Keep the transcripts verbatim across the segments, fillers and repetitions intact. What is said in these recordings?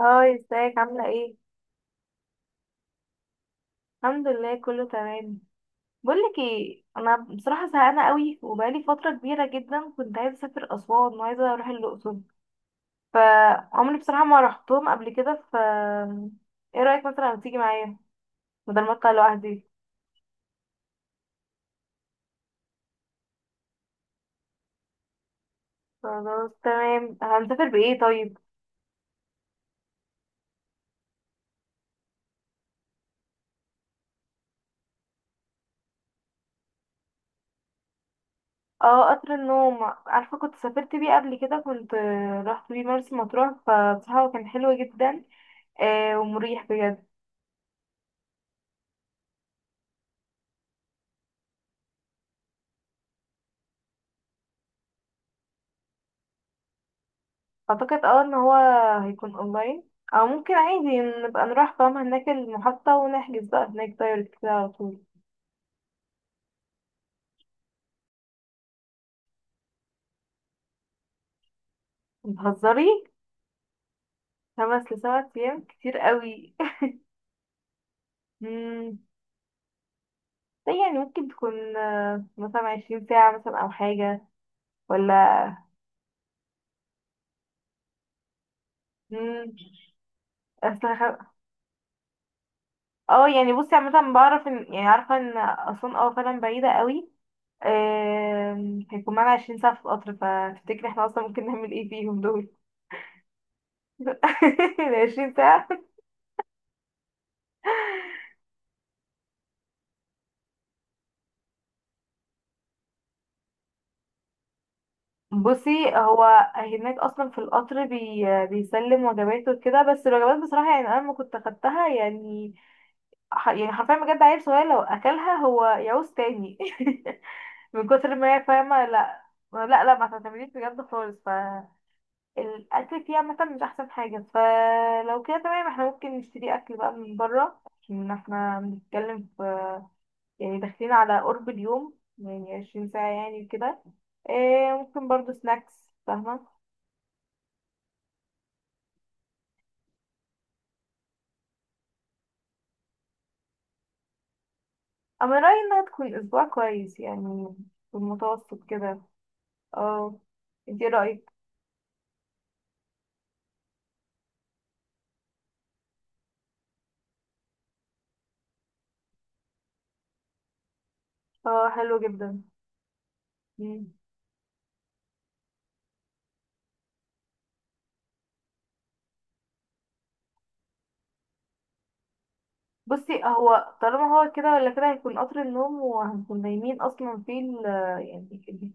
هاي، ازيك؟ عاملة ايه؟ الحمد لله، كله تمام. بقولك ايه، انا بصراحة زهقانة قوي وبقالي فترة كبيرة جدا كنت عايزة اسافر اسوان وعايزة اروح الاقصر. فعمري بصراحة ما رحتهم قبل كده. ف ايه رأيك مثلا لو تيجي معايا بدل ما اطلع لوحدي؟ خلاص تمام، هنسافر بايه طيب؟ اه، قطر النوم، عارفة كنت سافرت بيه قبل كده. كنت آه، رحت بيه مرسى مطروح فبصراحة هو كان حلو جدا آه، ومريح بجد. اعتقد اه ان هو هيكون اونلاين او ممكن عادي نبقى نروح، فاهمة، هناك المحطة ونحجز بقى هناك دايركت كده على طول. بتهزري؟ خمس لسبع ايام كتير قوي. مم، ده يعني ممكن تكون آه، مثلا عشرين ساعة مثلا او حاجة، ولا؟ مم، اصل خ- اه يعني بصي، عامة بعرف ان، يعني، عارفة ان اسوان اه فعلا بعيدة قوي. آم، هيكون معانا عشرين ساعة في القطر، فتفتكري احنا اصلا ممكن نعمل ايه فيهم دول؟ العشرين ساعة. بصي، هو هناك اصلا في القطر بي بيسلم وجباته وكده، بس الوجبات بصراحه يعني انا لما كنت اخدتها يعني ح- يعني حرفيا بجد عيل صغير لو اكلها هو يعوز تاني من كتر ما هي فاهمه. لا، لا لا، ما تعتمديش بجد خالص. فالاكل فيها مثلا مش احسن حاجه، فلو كده تمام احنا ممكن نشتري اكل بقى من بره عشان احنا بنتكلم في، يعني، داخلين على قرب اليوم يعني عشرين ساعة ساعه، يعني كده. إيه، ممكن برضو سناكس، فاهمه؟ انا رايي انها تكون اسبوع، كويس يعني، في المتوسط كده. اه، انت إيه رايك؟ اه، حلو جدا. مم. بصي، هو طالما هو كده ولا كده هيكون قطر النوم وهنكون نايمين اصلا في ال يعني ال-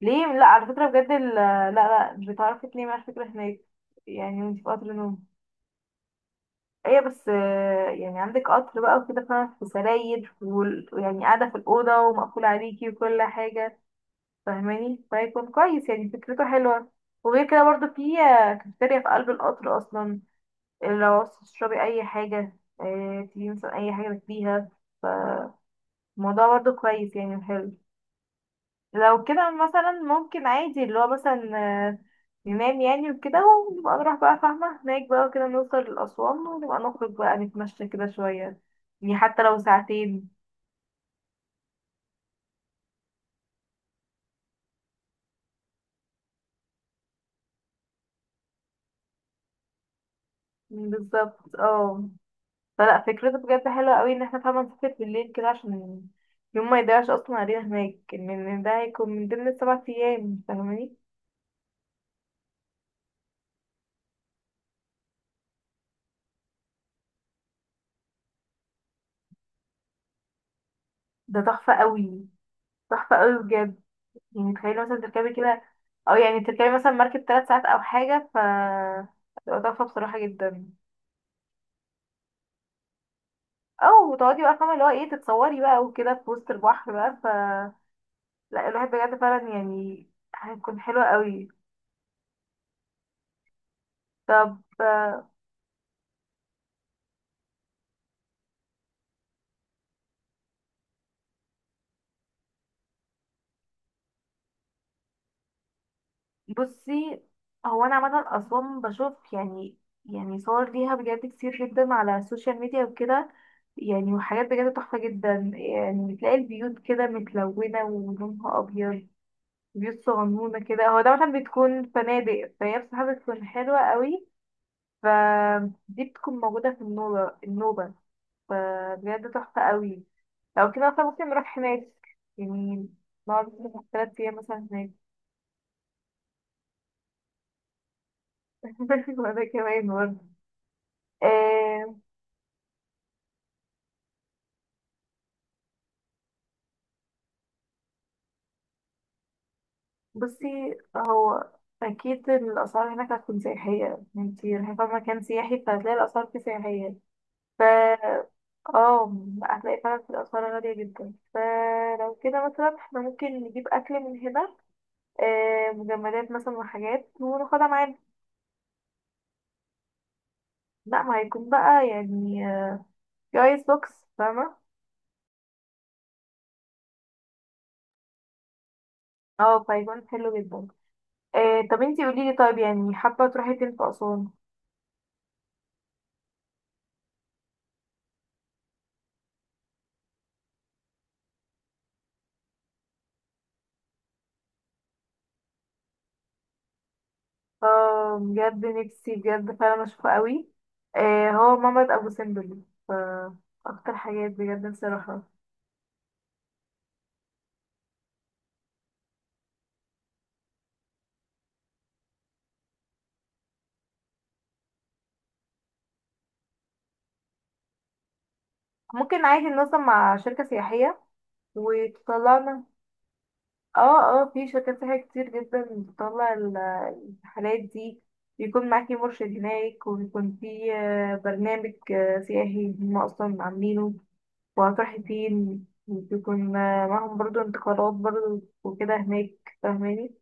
ليه؟ لا، على فكره بجد ال- لا لا، مش بتعرفي تنامي على فكره هناك، يعني وانت في قطر النوم. ايه بس آه، يعني عندك قطر بقى وكده، فاهمة، في سراير وال- ويعني قاعده في الاوضه ومقفول عليكي وكل حاجه، فاهماني؟ فهيكون كويس يعني، فكرته حلوة. وغير كده برضو في آه، كافيتيريا في قلب القطر أصلا. لو عاوزة تشربي أي حاجة، آه، تجيبي مثلا أي حاجة تاكليها. فالموضوع برضو كويس، يعني حلو، لو كده مثلا ممكن عادي اللي هو مثلا، آه، ننام يعني وكده، ونبقى نروح بقى، فاهمة، هناك بقى وكده نوصل لأسوان ونبقى نخرج بقى، نتمشى كده شوية، يعني حتى لو ساعتين. بالظبط، اه. فلا، فكرته بجد حلوة قوي ان احنا فعلا نسافر بالليل كده عشان يوم ما يضيعش اصلا علينا هناك، ان إن ده هيكون من ضمن السبع ايام، فاهماني. ده تحفة قوي، تحفة قوي بجد. يعني تخيلي مثلا تركبي كده او يعني تركبي مثلا مركب ثلاث ساعات او حاجة، ف تبقى تحفة بصراحة جدا. او تقعدي بقى، فاهمة، اللي هو ايه، تتصوري بقى وكده في وسط البحر بقى، ف لا، الواحد بجد فعلا يعني هيكون حلو قوي. طب، بصي، هو انا عامه اسوان بشوف، يعني، يعني صور ليها بجد كتير جدا على السوشيال ميديا وكده، يعني وحاجات بجد تحفه جدا. يعني بتلاقي البيوت كده متلونه ولونها ابيض، بيوت صغنونه كده، هو ده مثلا بتكون فنادق، فهي بصراحه بتكون حلوه قوي. فدي بتكون موجوده في النوبه النوبه فبجد تحفه قوي. لو كده مثلا ممكن نروح هناك، يعني نقعد مثلا تلات أيام مثلا هناك. وأنا كمان برضه، آه. بصي، هو اكيد الاسعار هناك هتكون سياحيه، انتي رايحه في مكان سياحي فهتلاقي الاسعار فيه سياحيه. ف اه، هتلاقي فعلا في الاسعار غاليه جدا. فلو كده مثلا احنا ممكن نجيب اكل من هنا، آه، مجمدات مثلا وحاجات وناخدها معانا. لا، ما هيكون بقى يعني آه، في ايس بوكس، فاهمه. اه، فهيكون حلو جدا. آه، طب انتي قوليلي طيب، يعني حابه تروحي فين في اسوان؟ اه، بجد نفسي بجد فعلا اشوفه قوي. آه، هو مامة ابو سمبل، ف اكتر حاجات بجد نفسي اروحها. ممكن عادي ننظم مع شركة سياحية وتطلعنا. اه اه، في شركات سياحية كتير جدا بتطلع ال- الرحلات دي. بيكون معاكي مرشد هناك وبيكون في آه، برنامج آه، سياحي هما اصلا عاملينه، وهتروحي فين، وبيكون آه، معاهم برضو انتقالات برضو وكده هناك، فاهماني.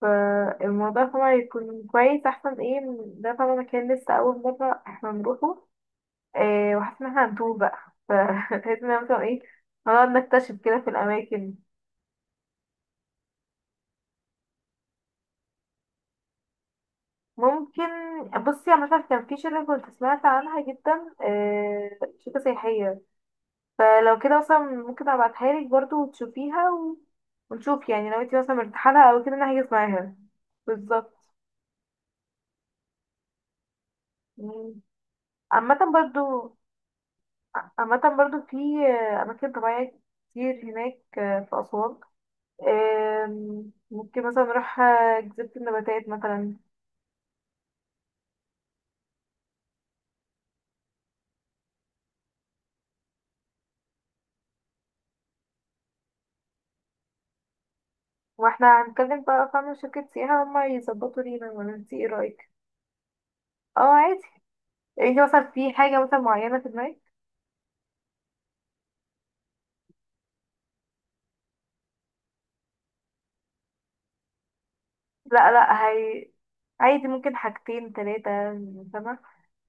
فالموضوع طبعا يكون كويس، احسن ايه من ده طبعا، مكان لسه اول مرة احنا نروحه. إيه، وحاسة ان احنا هنتوه بقى، فحاسة ان أنا مثلا ايه، هنقعد نكتشف كده في الاماكن. ممكن. بصي انا مش عارفة، كان في شركة كنت سمعت عنها جدا، إيه، شركة سياحية، فلو كده مثلا ممكن ابعتها لك برضه وتشوفيها و... ونشوف، يعني لو انتي مثلا مرتاحة لها او كده انا هحجز معاها. بالظبط. مم. عامة برضو، عامة برضو في أماكن طبيعية كتير هناك في أسوان. آم، ممكن مثلا نروح جزيرة النباتات مثلا. واحنا هنتكلم بقى، فاهمة، شركة سياحة هما يظبطوا لينا، ولا انتي ايه رأيك؟ اه عادي. انتي مثلا في حاجة مثلا معينة في دماغك؟ لا لا، هي عادي ممكن حاجتين تلاتة، فاهمة.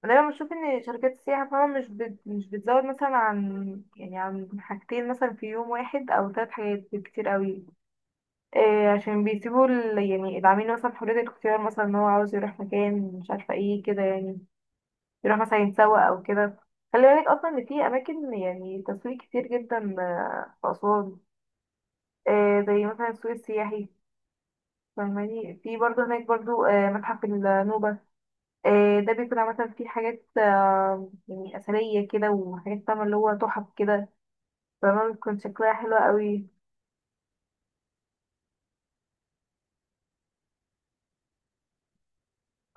دايما بشوف ان شركات السياحة، فاهمة، مش بت... مش بتزود مثلا عن، يعني، عن حاجتين مثلا في يوم واحد او تلات حاجات بالكتير قوي. آه، عشان بيسيبوا ال... يعني العميل مثلا حرية الاختيار، مثلا ان هو عاوز يروح مكان مش عارفة ايه كده يعني، يروح مثلا يتسوق او كده. خلي بالك اصلا ان في اماكن، يعني، تسويق كتير جدا آه، في اسوان، آه، زي مثلا السوق السياحي. فاهماني، في برضه هناك برضه آه، متحف النوبة، آه، ده بيكون عامة فيه حاجات آه، يعني أثرية كده وحاجات، فاهمة، اللي هو تحف كده، فاهمة، بتكون شكلها حلو قوي.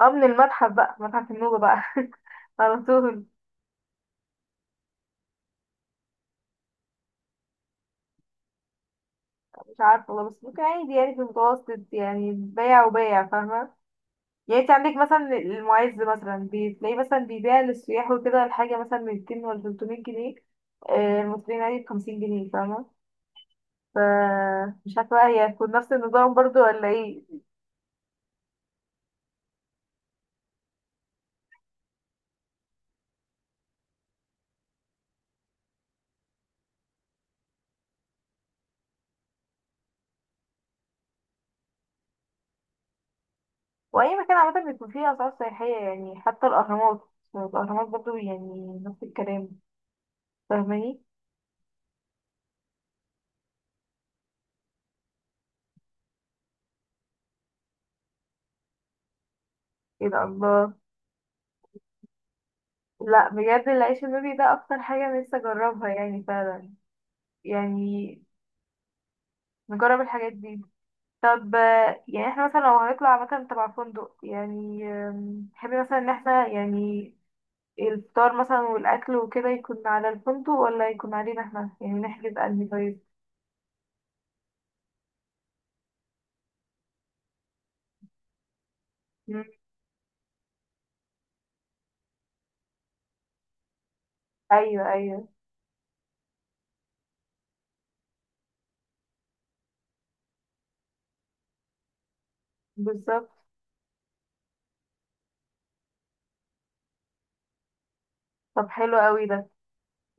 اه، من المتحف بقى، متحف النوبة بقى على طول. مش عارفة والله، بس ممكن عادي يعني، في المتوسط يعني، بيع وبيع، فاهمة. يعني انت عندك مثلا المعز مثلا، بتلاقيه مثلا بيبيع للسياح وكده الحاجة مثلا من ميتين ولا ثلاثمئة جنيه، آه، المصريين عادي بخمسين جنيه، فاهمة. ف مش عارفة بقى هي هتكون نفس النظام برضو ولا ايه. وأي مكان عامة بيكون فيه أسعار سياحية، يعني حتى الأهرامات، الأهرامات برضو يعني نفس الكلام، فاهماني. ايه ده، الله. لا بجد، العيش النوبي ده أكتر حاجة نفسي أجربها، يعني فعلا، يعني نجرب الحاجات دي. طب آه، يعني احنا مثلا لو هنطلع مثلا تبع فندق، يعني آم، تحبي مثلا ان احنا، يعني، الفطار مثلا والاكل وكده يكون على الفندق ولا يكون علينا احنا، يعني نحجز انهي طيب؟ مم. ايوه ايوه. بالظبط. طب حلو قوي ده،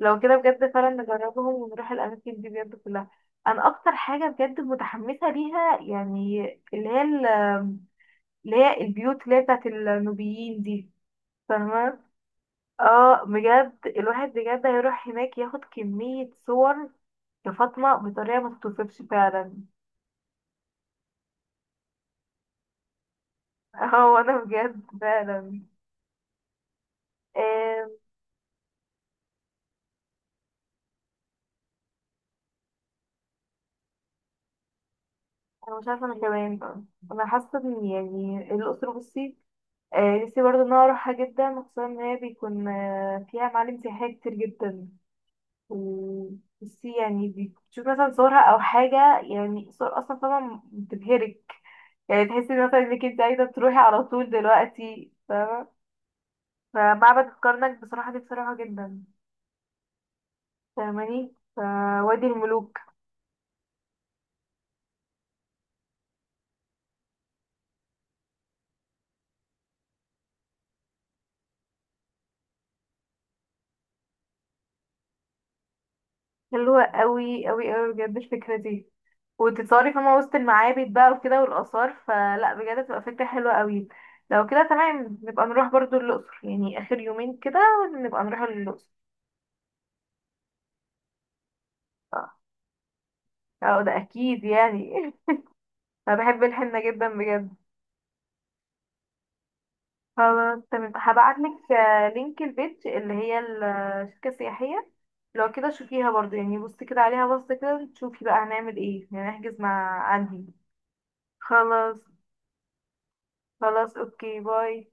لو كده بجد فعلا نجربهم ونروح الاماكن دي بجد كلها. انا اكتر حاجه بجد متحمسه ليها يعني، اللي هي ال- اللي هي البيوت اللي هي بتاعت النوبيين دي، فاهمه. اه، بجد الواحد بجد هيروح هناك ياخد كمية صور يا فاطمة بطريقة ما تتوصفش فعلا. اه، وانا بجد فعلا، آه. انا مش عارفة، انا كمان، انا حاسة ان، يعني، الأقصر، بصي، آه، نفسي برضه ان انا اروحها جدا، خصوصا ان هي بيكون آه فيها معالم سياحية كتير جدا. وبصي، يعني بتشوف مثلا صورها او حاجة، يعني صور اصلا طبعا بتبهرك، يعني تحسي مثلا انك انت عايزة تروحي على طول دلوقتي. فمعبد الكرنك بصراحة نفسي أروحه جدا، فاهماني. ف- وادي الملوك. حلوة قوي قوي قوي بجد الفكرة دي، وتتصوري فما وسط المعابد بقى وكده والآثار، فلا بجد تبقى فكرة حلوة قوي. لو كده تمام نبقى نروح برضو الأقصر، يعني آخر يومين كده نبقى نروح الأقصر. اه، آه، ده أكيد يعني. أنا بحب الحنة جدا بجد. خلاص تمام، هبعت لك آه، لينك البيج اللي هي الشركة السياحية، لو كده شوفيها برضو، يعني بصي كده عليها، بصي كده تشوفي بقى هنعمل ايه، يعني نحجز مع انهي. خلاص، خلاص، اوكي، باي.